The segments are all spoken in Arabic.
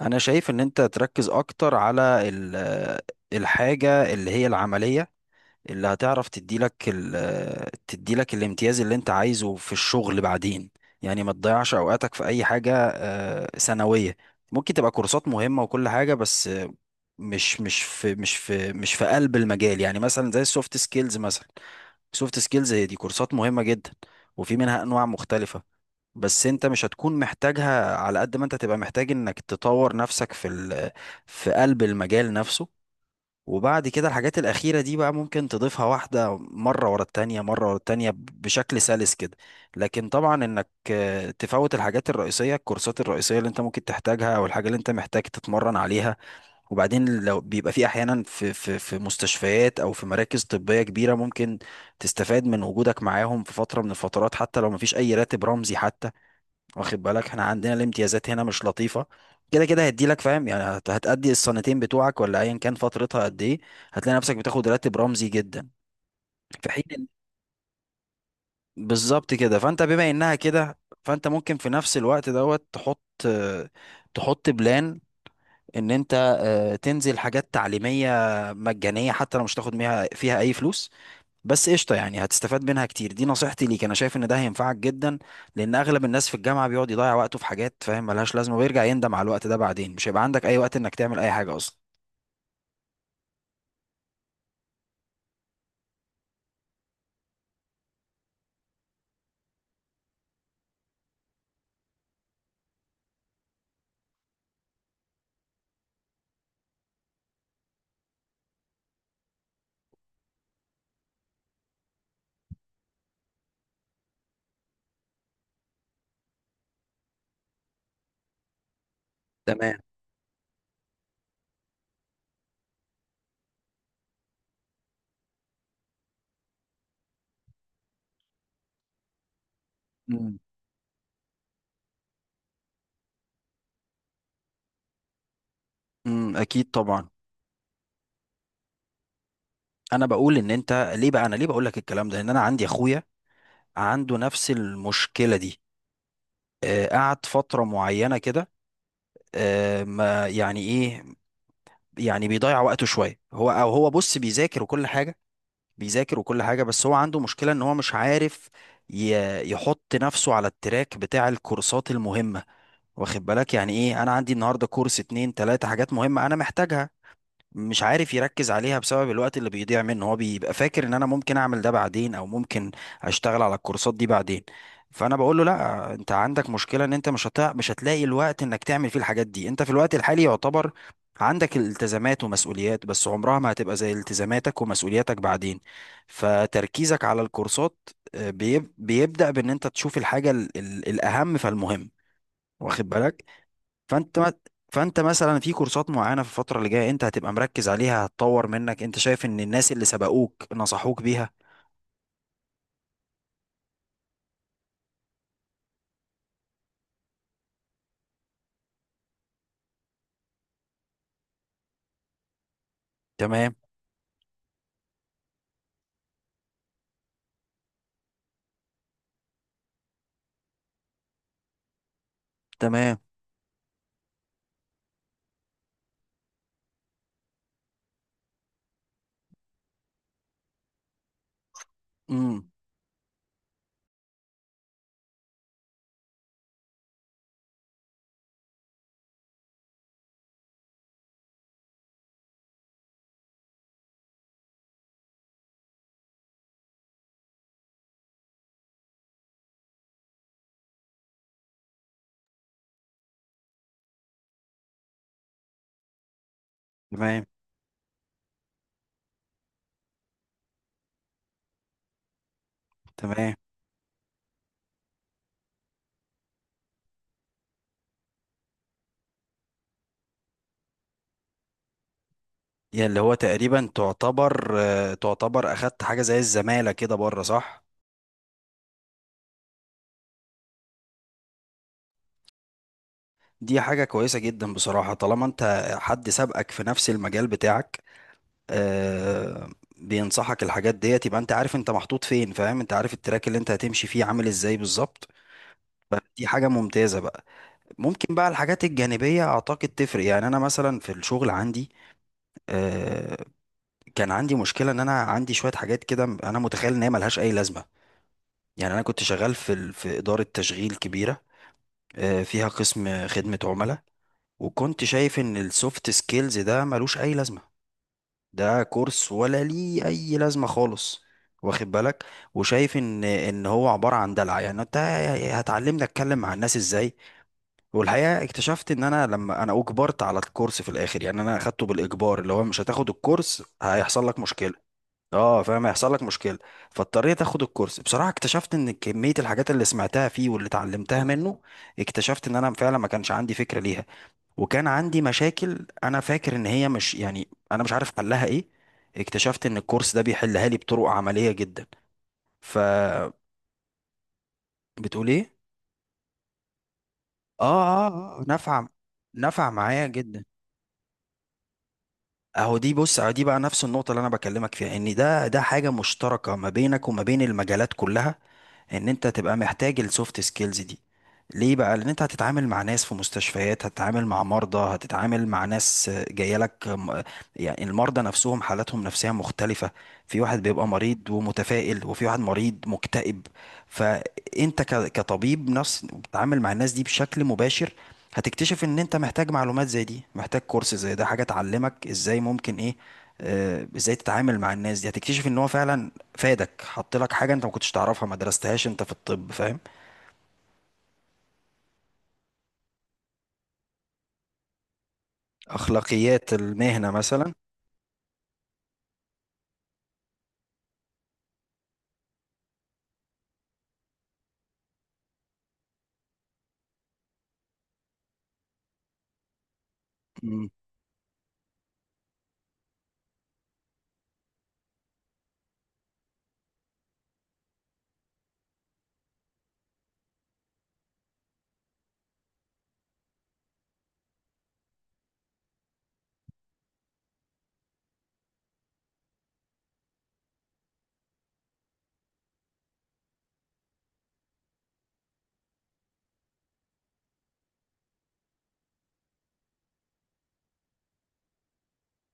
انا شايف ان انت تركز اكتر على ال- آه، الحاجة اللي هي العملية اللي هتعرف تديلك تديلك الامتياز اللي انت عايزه في الشغل بعدين، يعني ما تضيعش اوقاتك في اي حاجة ثانوية. ممكن تبقى كورسات مهمة وكل حاجة، بس مش في قلب المجال، يعني مثلا زي السوفت سكيلز مثلا. سوفت سكيلز هي دي كورسات مهمة جدا، وفي منها انواع مختلفة. بس انت مش هتكون محتاجها على قد ما انت تبقى محتاج انك تطور نفسك في قلب المجال نفسه. وبعد كده الحاجات الأخيرة دي بقى ممكن تضيفها واحدة مرة ورا التانية مرة ورا التانية بشكل سلس كده. لكن طبعا انك تفوت الحاجات الرئيسية، الكورسات الرئيسية اللي انت ممكن تحتاجها او الحاجة اللي انت محتاج تتمرن عليها. وبعدين لو بيبقى في احيانا في مستشفيات او في مراكز طبية كبيرة، ممكن تستفاد من وجودك معاهم في فترة من الفترات، حتى لو مفيش اي راتب رمزي حتى. واخد بالك احنا عندنا الامتيازات هنا مش لطيفة كده كده، هدي لك فاهم، يعني هتأدي السنتين بتوعك ولا ايا كان فترتها قد ايه، هتلاقي نفسك بتاخد راتب رمزي جدا. في حين إن- بالظبط كده، فانت بما انها كده، فانت ممكن في نفس الوقت دوت تحط، تحط بلان ان انت تنزل حاجات تعليمية مجانية، حتى لو مش تاخد فيها اي فلوس. بس قشطة، يعني هتستفاد منها كتير. دي نصيحتي ليك، انا شايف ان ده هينفعك جدا، لان اغلب الناس في الجامعة بيقعد يضيع وقته في حاجات فاهم ملهاش لازمة، ويرجع يندم على الوقت ده بعدين، مش هيبقى عندك اي وقت انك تعمل اي حاجة اصلا. تمام. امم. أمم، اكيد طبعا. انا بقول ان انت ليه بقى، انا ليه بقول لك الكلام ده، لان انا عندي اخويا عنده نفس المشكله دي. آه قعد فتره معينه كده، آه ما يعني ايه، يعني بيضيع وقته شويه. هو او هو بص بيذاكر وكل حاجه، بيذاكر وكل حاجة، بس هو عنده مشكلة ان هو مش عارف يحط نفسه على التراك بتاع الكورسات المهمة. واخد بالك، يعني ايه انا عندي النهاردة كورس، اتنين تلاتة حاجات مهمة انا محتاجها، مش عارف يركز عليها بسبب الوقت اللي بيضيع منه. هو بيبقى فاكر ان انا ممكن اعمل ده بعدين، او ممكن اشتغل على الكورسات دي بعدين. فانا بقول له لا، انت عندك مشكلة ان انت مش هتلاقي الوقت انك تعمل فيه الحاجات دي. انت في الوقت الحالي يعتبر عندك الالتزامات ومسؤوليات، بس عمرها ما هتبقى زي التزاماتك ومسؤولياتك بعدين. فتركيزك على الكورسات بيبدأ بان انت تشوف الحاجة الاهم فالمهم. واخد بالك. فانت ما فانت مثلا في كورسات معينه في الفتره اللي جايه انت هتبقى مركز عليها، هتطور منك، انت شايف ان الناس اللي سبقوك نصحوك بيها. تمام تمام. امم. تمام تمام. يعني اللي هو تقريبا تعتبر تعتبر اخدت حاجه زي الزماله كده بره، صح. دي حاجه كويسه جدا بصراحه، طالما انت حد سبقك في نفس المجال بتاعك آه، بينصحك الحاجات ديت، يبقى انت عارف انت محطوط فين، فاهم، انت عارف التراك اللي انت هتمشي فيه عامل ازاي بالظبط. فدي حاجه ممتازه بقى. ممكن بقى الحاجات الجانبية أعتقد تفرق. يعني أنا مثلا في الشغل عندي آه، كان عندي مشكلة إن أنا عندي شوية حاجات كده، أنا متخيل إن هي ملهاش أي لازمة. يعني أنا كنت شغال في في إدارة تشغيل كبيرة فيها قسم خدمة عملاء. وكنت شايف إن السوفت سكيلز ده ملوش أي لازمة، ده كورس، ولا ليه أي لازمة خالص. واخد بالك. وشايف إن هو عبارة عن دلع، يعني أنت هتعلمني أتكلم مع الناس إزاي. والحقيقة اكتشفت ان انا لما اجبرت على الكورس في الاخر، يعني انا اخدته بالاجبار، اللي هو مش هتاخد الكورس هيحصل لك مشكلة. اه فاهم، هيحصل لك مشكلة. فاضطريت اخد الكورس. بصراحة اكتشفت ان كمية الحاجات اللي سمعتها فيه واللي اتعلمتها منه، اكتشفت ان انا فعلا ما كانش عندي فكرة ليها. وكان عندي مشاكل انا فاكر ان هي مش، يعني انا مش عارف حلها ايه، اكتشفت ان الكورس ده بيحلها لي بطرق عملية جدا. فبتقول ايه. اه. اه اه نفع، نفع معايا جدا. اهو دي بص، اهو دي بقى نفس النقطة اللي انا بكلمك فيها، ان ده حاجة مشتركة ما بينك وما بين المجالات كلها، ان انت تبقى محتاج السوفت سكيلز دي. ليه بقى، لان انت هتتعامل مع ناس في مستشفيات، هتتعامل مع مرضى، هتتعامل مع ناس جايه لك يعني المرضى نفسهم حالاتهم نفسية مختلفة، في واحد بيبقى مريض ومتفائل، وفي واحد مريض مكتئب. فانت كطبيب نفس بتتعامل مع الناس دي بشكل مباشر. هتكتشف ان انت محتاج معلومات زي دي، محتاج كورس زي ده، حاجة تعلمك ازاي ممكن ايه، ازاي تتعامل مع الناس دي. هتكتشف ان هو فعلا فادك، حط لك حاجة انت ما كنتش تعرفها، ما درستهاش انت في الطب، فاهم. اخلاقيات المهنة مثلا. مم.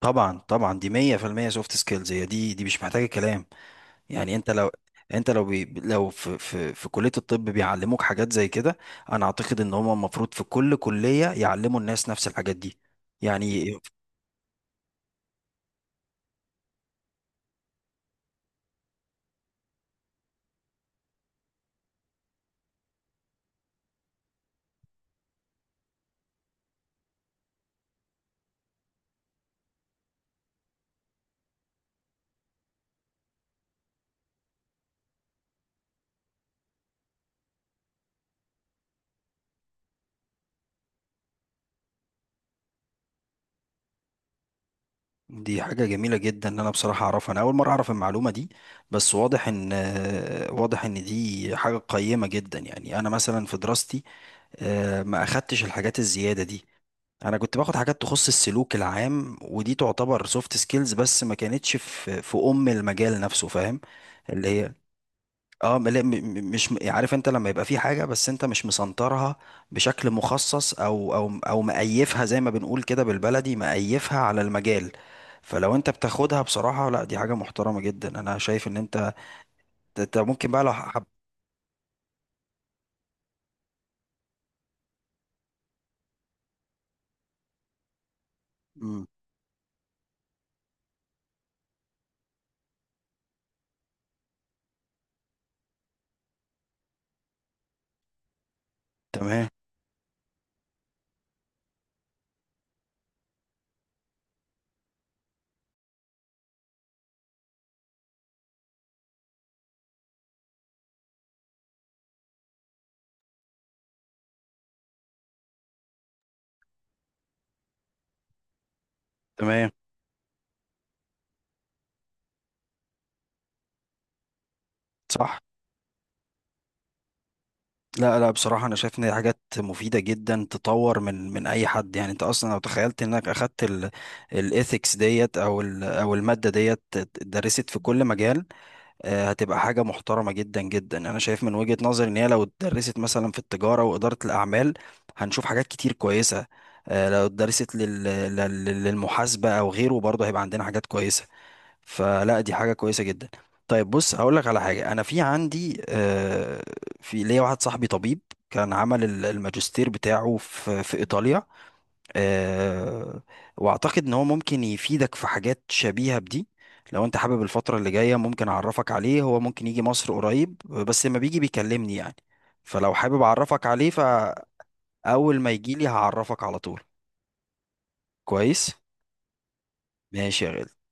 طبعا طبعا، دي 100% سوفت سكيلز، هي دي مش محتاجة كلام. يعني انت لو لو في كلية الطب بيعلموك حاجات زي كده، انا اعتقد ان هم المفروض في كل كلية يعلموا الناس نفس الحاجات دي. يعني دي حاجة جميلة جدا. ان انا بصراحة اعرفها، انا اول مرة اعرف المعلومة دي. بس واضح ان دي حاجة قيمة جدا. يعني انا مثلا في دراستي ما اخدتش الحاجات الزيادة دي. انا كنت باخد حاجات تخص السلوك العام، ودي تعتبر سوفت سكيلز، بس ما كانتش في ام المجال نفسه، فاهم. اللي هي، اه، لا، مش يعني عارف انت لما يبقى في حاجه بس انت مش مسنطرها بشكل مخصص، او مقيفها زي ما بنقول كده بالبلدي، مقيفها على المجال. فلو انت بتاخدها بصراحه، لا دي حاجه محترمه جدا، انا شايف ان انت، انت ممكن بقى لو حب. مم، تمام تمام. صح. لا لا بصراحه، انا شايف ان دي حاجات مفيده جدا، تطور من اي حد، يعني انت اصلا لو تخيلت انك اخدت الايثكس ديت، او الماده ديت اتدرست في كل مجال هتبقى حاجة محترمة جدا جدا. أنا شايف من وجهة نظري إن هي لو اتدرست مثلا في التجارة وإدارة الأعمال هنشوف حاجات كتير كويسة. لو اتدرست للمحاسبة أو غيره برضه هيبقى عندنا حاجات كويسة. فلا دي حاجة كويسة جدا. طيب بص هقول لك على حاجة. أنا في عندي في ليا واحد صاحبي طبيب، كان عمل الماجستير بتاعه في إيطاليا آه، واعتقد ان هو ممكن يفيدك في حاجات شبيهة بدي. لو انت حابب الفترة اللي جاية ممكن اعرفك عليه. هو ممكن يجي مصر قريب بس لما بيجي بيكلمني يعني. فلو حابب اعرفك عليه، فاول ما يجي لي هعرفك على طول. كويس. ماشي يا غالي.